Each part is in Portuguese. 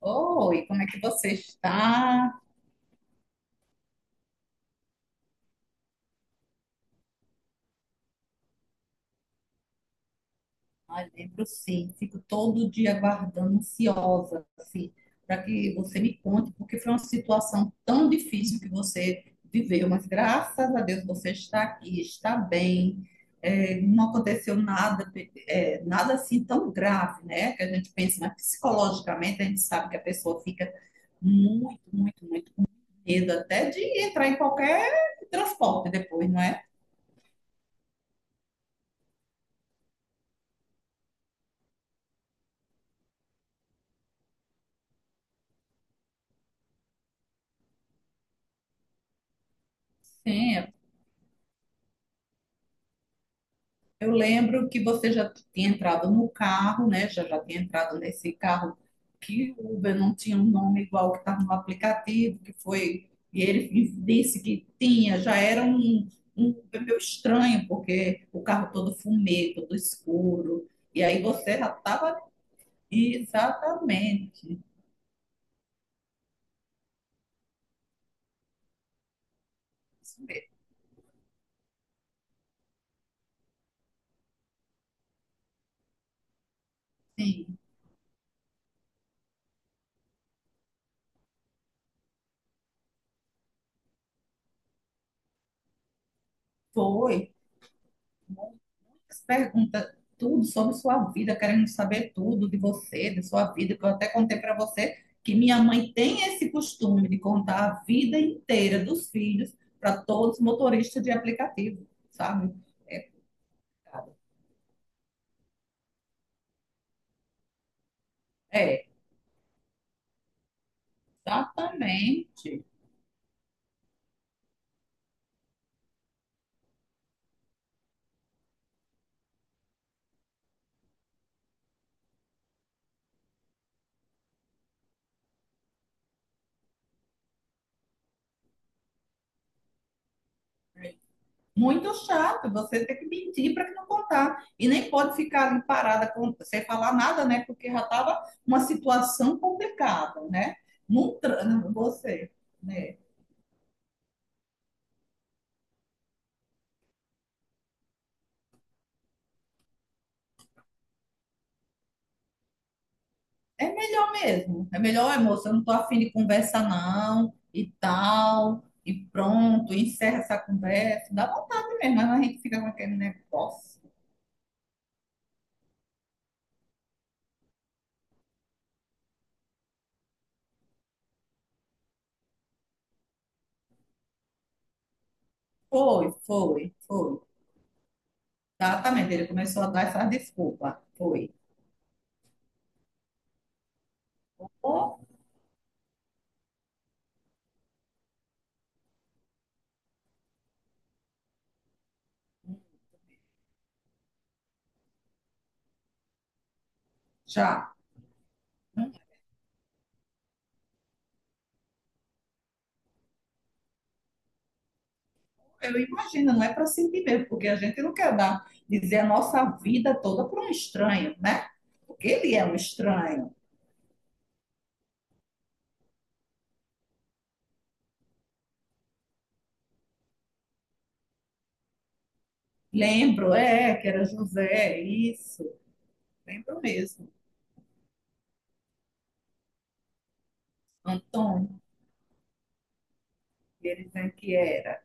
Oi, como é que você está? Ai, lembro sim, fico todo dia aguardando, ansiosa, assim, para que você me conte, porque foi uma situação tão difícil que você viveu, mas graças a Deus você está aqui, está bem. É, não aconteceu nada, é, nada assim tão grave, né? Que a gente pensa, mas psicologicamente a gente sabe que a pessoa fica muito, muito, muito medo até de entrar em qualquer transporte depois, não é? Sim, eu lembro que você já tinha entrado no carro, né? Já tinha entrado nesse carro, que o Uber não tinha um nome igual que estava no aplicativo, que foi. E ele disse que tinha, já era um, um Uber meio estranho, porque o carro todo fumê, todo escuro. E aí você já estava. Exatamente. Isso mesmo. Sim, foi. Pergunta tudo sobre sua vida, querendo saber tudo de você, de sua vida, que eu até contei para você que minha mãe tem esse costume de contar a vida inteira dos filhos para todos os motoristas de aplicativo, sabe? É, exatamente. Muito chato, você tem que mentir para que não contar. E nem pode ficar ali parada sem falar nada, né? Porque já estava uma situação complicada, né? Não, você, né? É melhor mesmo. É melhor, "Olha, moça, eu não tô afim de conversa não, e tal, e pronto, encerra essa conversa." Dá vontade mesmo, mas a gente fica com aquele negócio. Foi, foi, foi. Exatamente, ele começou a dar essa desculpa. Foi. Ou já. Eu imagino, não é para sentir mesmo, porque a gente não quer dar, dizer a nossa vida toda para um estranho, né? Porque ele é um estranho. Lembro, é, que era José, isso. Lembro mesmo. Antônio. Ele dizendo que era.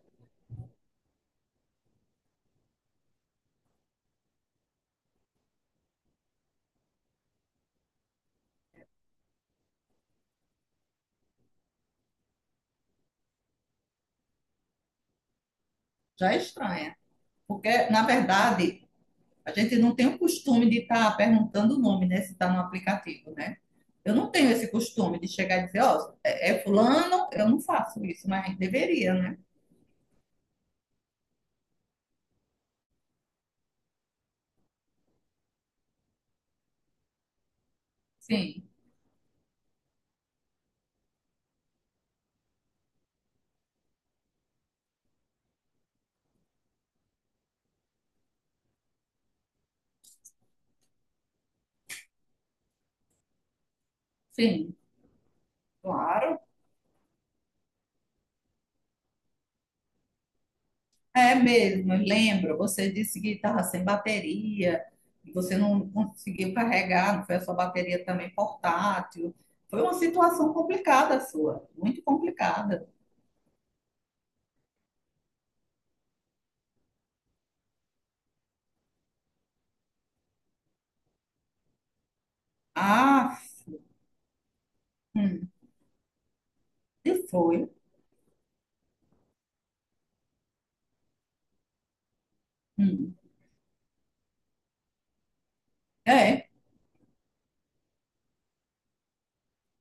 Já é estranha. Porque, na verdade, a gente não tem o costume de estar perguntando o nome, né? Se está no aplicativo, né? Eu não tenho esse costume de chegar e dizer, ó, é fulano, eu não faço isso, mas a gente deveria, né? Sim, sim, claro. É mesmo, eu lembro, você disse que estava sem bateria, que você não conseguiu carregar, não foi a sua bateria também portátil. Foi uma situação complicada sua, muito complicada. Ah, hum. E foi. Hum. É,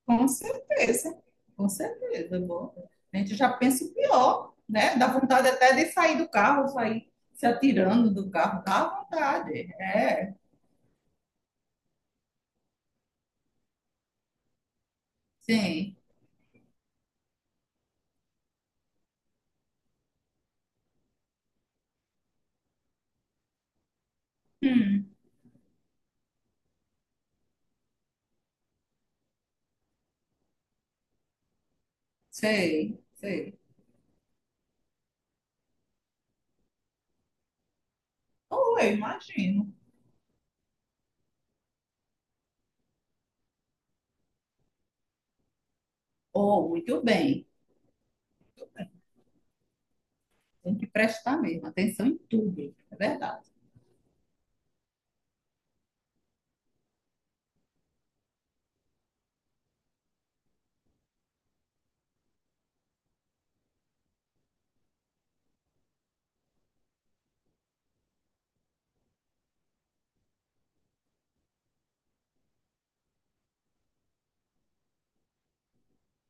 com certeza. Com certeza. Bom, a gente já pensa o pior, né? Dá vontade até de sair do carro, sair se atirando do carro. Dá vontade. É, sim. Hum. Sei, sei. Ou eu imagino. Ou, muito bem. Tem que prestar mesmo atenção em tudo. É verdade.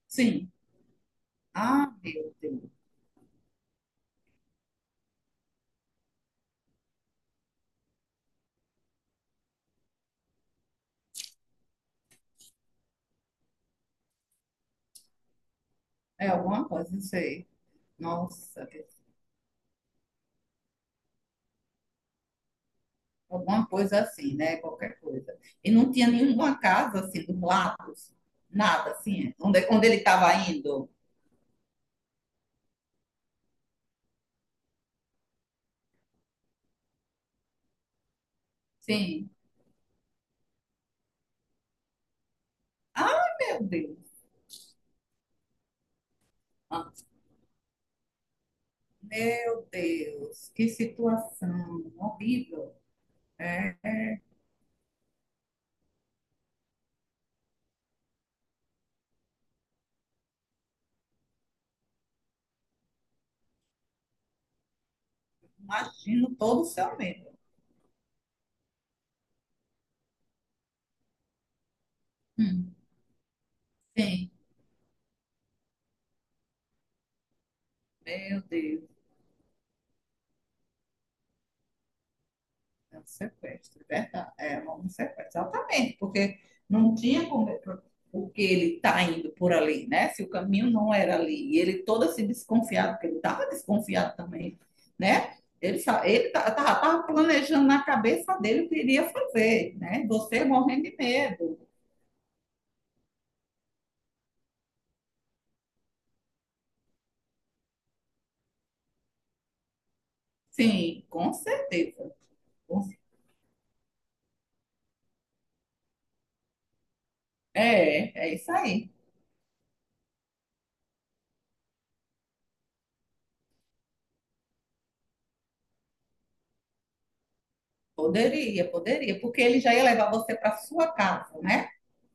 Sim. Ah, meu Deus. É alguma coisa, sei. Nossa, alguma coisa assim, né? Qualquer coisa. E não tinha nenhuma casa assim dos lados, nada assim, onde, onde ele estava indo. Sim. Ai, meu Deus. Ah, meu Deus, que situação horrível. Imagino todo o seu medo. Hum, sim, meu Deus. É um sequestro, é verdade. É um sequestro, exatamente, porque não tinha como, porque ele está indo por ali, né? Se o caminho não era ali, e ele todo assim desconfiado, porque ele estava desconfiado também, né? Ele estava planejando na cabeça dele o que iria fazer, né? Você morrendo de medo. Sim, com certeza. Com cer- É, é isso aí. Poderia, poderia, porque ele já ia levar você para sua casa, né?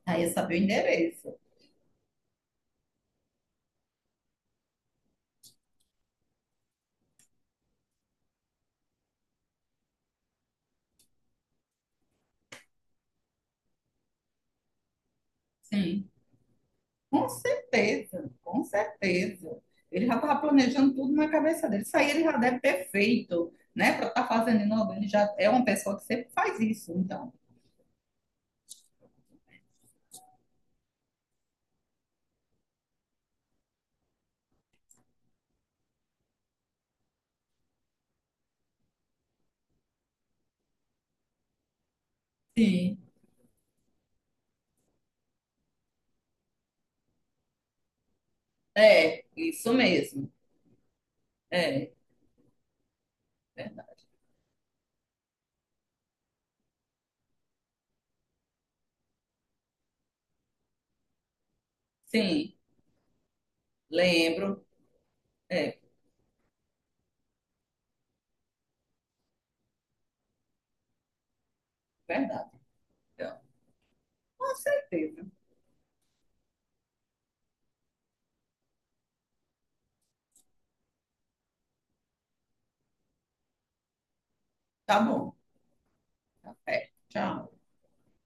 Aí ia saber o endereço. Sim. Com certeza, com certeza. Ele já estava planejando tudo na cabeça dele. Isso aí ele já deve ter feito, né? Para estar fazendo em novembro. Ele já é uma pessoa que sempre faz isso, então. Sim. É, isso mesmo. É, verdade. Sim, lembro. É, verdade. Então, com certeza. Tá bom. É, tchau.